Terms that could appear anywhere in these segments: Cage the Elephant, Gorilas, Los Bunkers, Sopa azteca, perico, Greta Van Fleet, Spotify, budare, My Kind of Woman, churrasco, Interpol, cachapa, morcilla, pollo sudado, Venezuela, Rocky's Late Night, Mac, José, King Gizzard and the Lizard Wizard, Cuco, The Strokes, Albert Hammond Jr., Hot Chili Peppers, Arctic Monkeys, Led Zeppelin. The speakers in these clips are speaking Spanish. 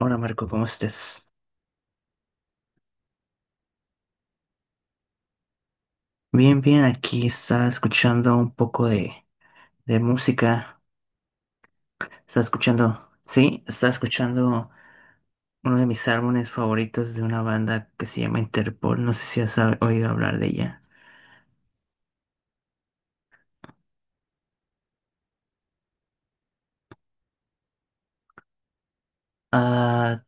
Hola Marco, ¿cómo estás? Bien, bien, aquí está escuchando un poco de música. Está escuchando, sí, está escuchando uno de mis álbumes favoritos de una banda que se llama Interpol. No sé si oído hablar de ella. Ah,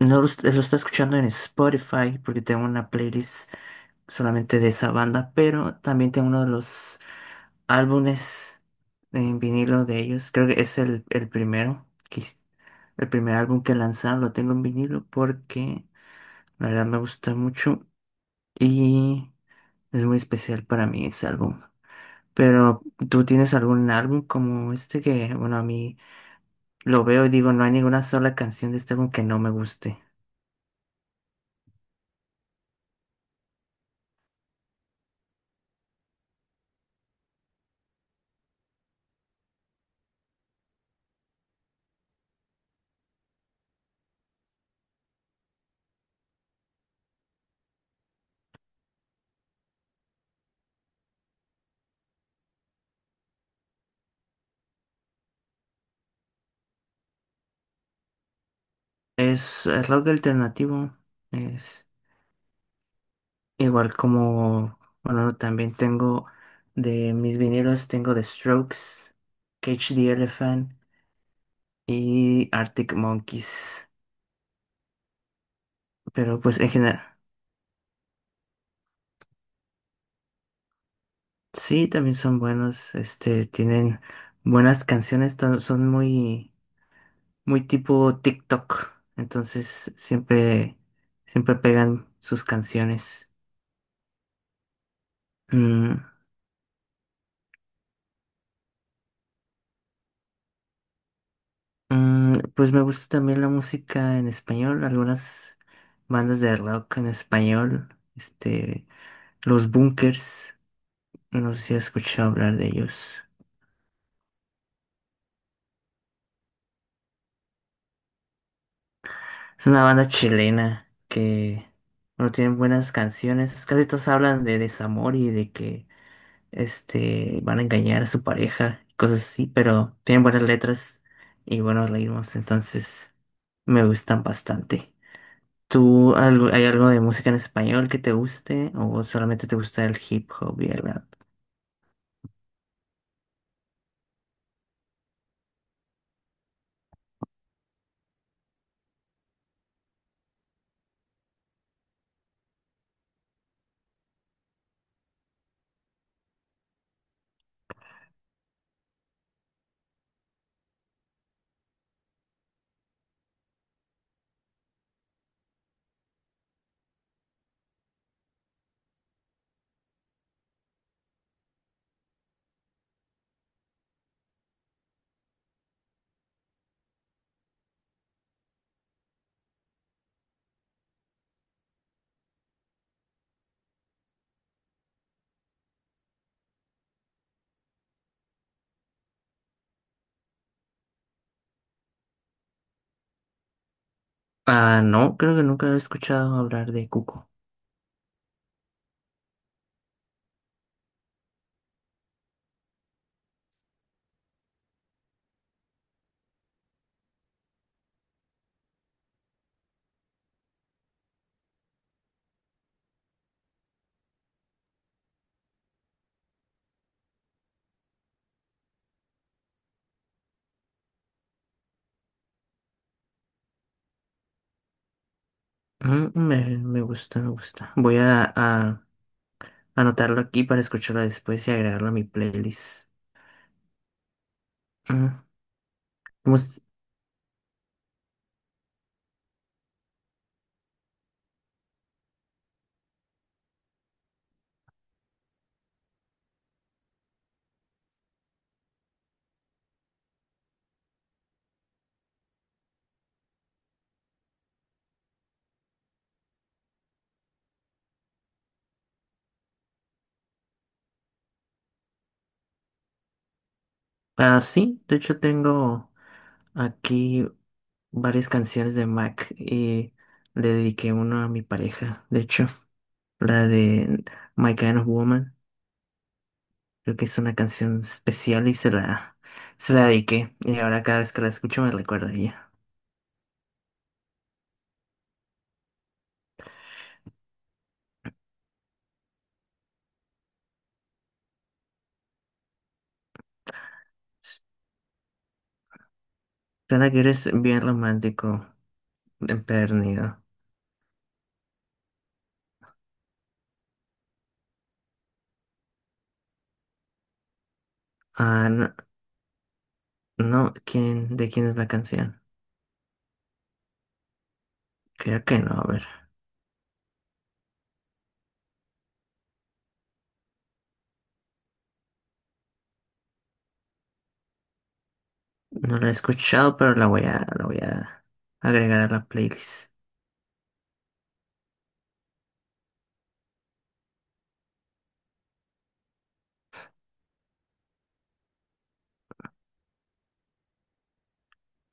no lo, est- lo está escuchando en Spotify porque tengo una playlist solamente de esa banda, pero también tengo uno de los álbumes en vinilo de ellos. Creo que es el primero, el primer álbum que lanzaron. Lo tengo en vinilo porque la verdad me gusta mucho y es muy especial para mí ese álbum. Pero tú tienes algún álbum como este que, bueno, a mí lo veo y digo, no hay ninguna sola canción de este álbum que no me guste. Es rock alternativo. Igual como, bueno, también tengo de mis vinilos, tengo The Strokes, Cage the Elephant y Arctic Monkeys. Pero pues en general, sí, también son buenos, este, tienen buenas canciones, son muy, muy tipo TikTok. Entonces siempre, siempre pegan sus canciones. Mm, pues me gusta también la música en español, algunas bandas de rock en español, este, Los Bunkers, no sé si has escuchado hablar de ellos. Es una banda chilena que, bueno, tienen buenas canciones, casi todos hablan de desamor y de que, este, van a engañar a su pareja, y cosas así, pero tienen buenas letras y buenos ritmos, entonces me gustan bastante. ¿Tú algo, hay algo de música en español que te guste o solamente te gusta el hip hop y el rap? Ah, no, creo que nunca he escuchado hablar de Cuco. Mm, me gusta, me gusta. Voy a anotarlo aquí para escucharlo después y agregarlo a mi playlist. Mm, mus- ah, sí, de hecho tengo aquí varias canciones de Mac y le dediqué una a mi pareja, de hecho, la de My Kind of Woman. Creo que es una canción especial y se la dediqué. Y ahora cada vez que la escucho me recuerdo a ella. Suena que eres bien romántico, empedernido. Ah, no, no, ¿quién, de quién es la canción? Creo que no, a ver. No la he escuchado, pero la voy a agregar a la playlist.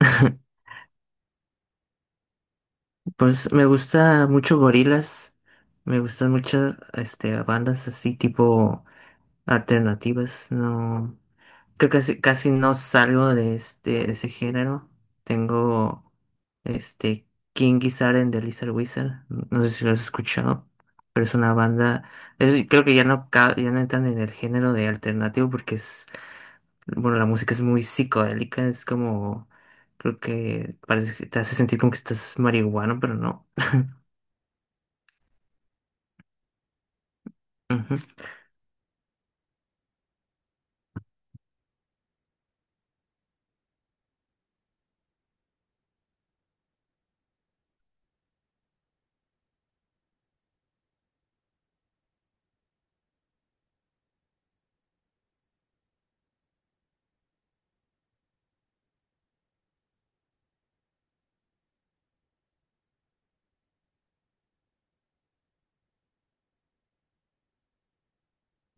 Pues me gusta mucho Gorilas, me gustan muchas este, bandas así tipo alternativas, no. Creo que casi, casi no salgo de de ese género. Tengo este King Gizzard and the Lizard Wizard. No sé si lo has escuchado, pero es una banda. Creo que ya no ya no entran en el género de alternativo porque es bueno la música es muy psicodélica. Es como creo que parece que te hace sentir como que estás marihuano, pero no. Ujú.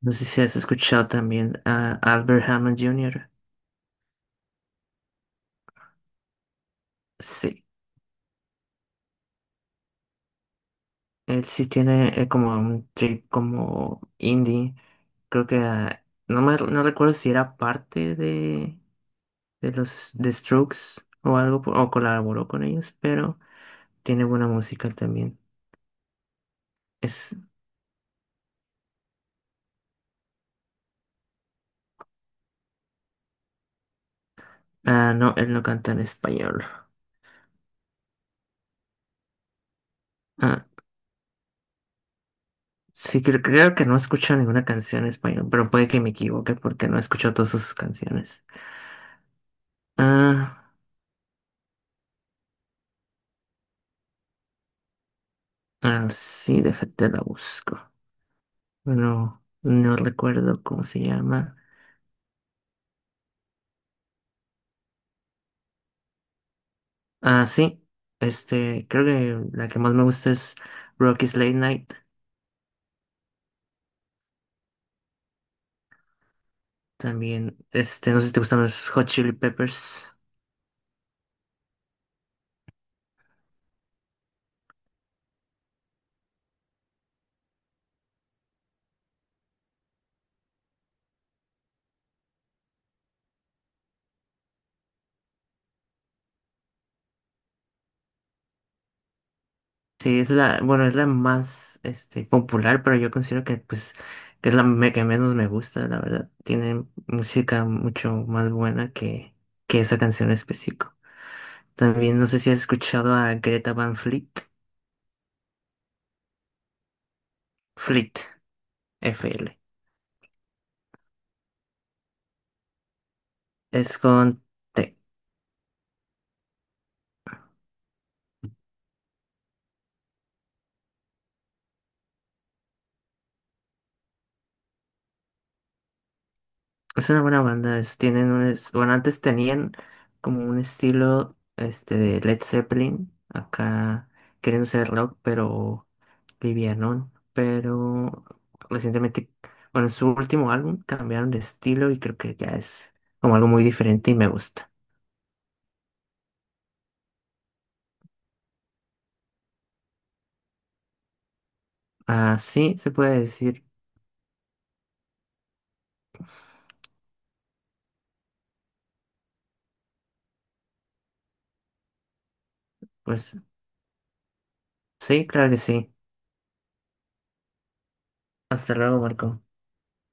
No sé si has escuchado también a Albert Hammond Jr. Sí. Él sí tiene como un trip como indie. Creo que no me no recuerdo si era parte de los de Strokes o colaboró con ellos, pero tiene buena música también. Es ah no, él no canta en español. Ah, sí creo, creo que no escucho ninguna canción en español, pero puede que me equivoque porque no escucho todas sus canciones. Ah, ah, sí, déjate la busco. Bueno, no recuerdo cómo se llama. Ah, sí. Este, creo que la que más me gusta es Rocky's Late Night. También, este, no sé si te gustan los Hot Chili Peppers. Sí, es la, bueno, es la más, este, popular, pero yo considero que, pues, que es que menos me gusta, la verdad. Tiene música mucho más buena que esa canción en específico. También, no sé si has escuchado a Greta Van Fleet. Fleet, F L. Es con T. Es una buena banda, tienen un, bueno, antes tenían como un estilo este de Led Zeppelin, acá queriendo ser rock, pero livianón, pero recientemente, bueno, en su último álbum cambiaron de estilo y creo que ya es como algo muy diferente y me gusta. Ah, sí, se puede decir, pues sí, claro que sí. Hasta luego, Marco.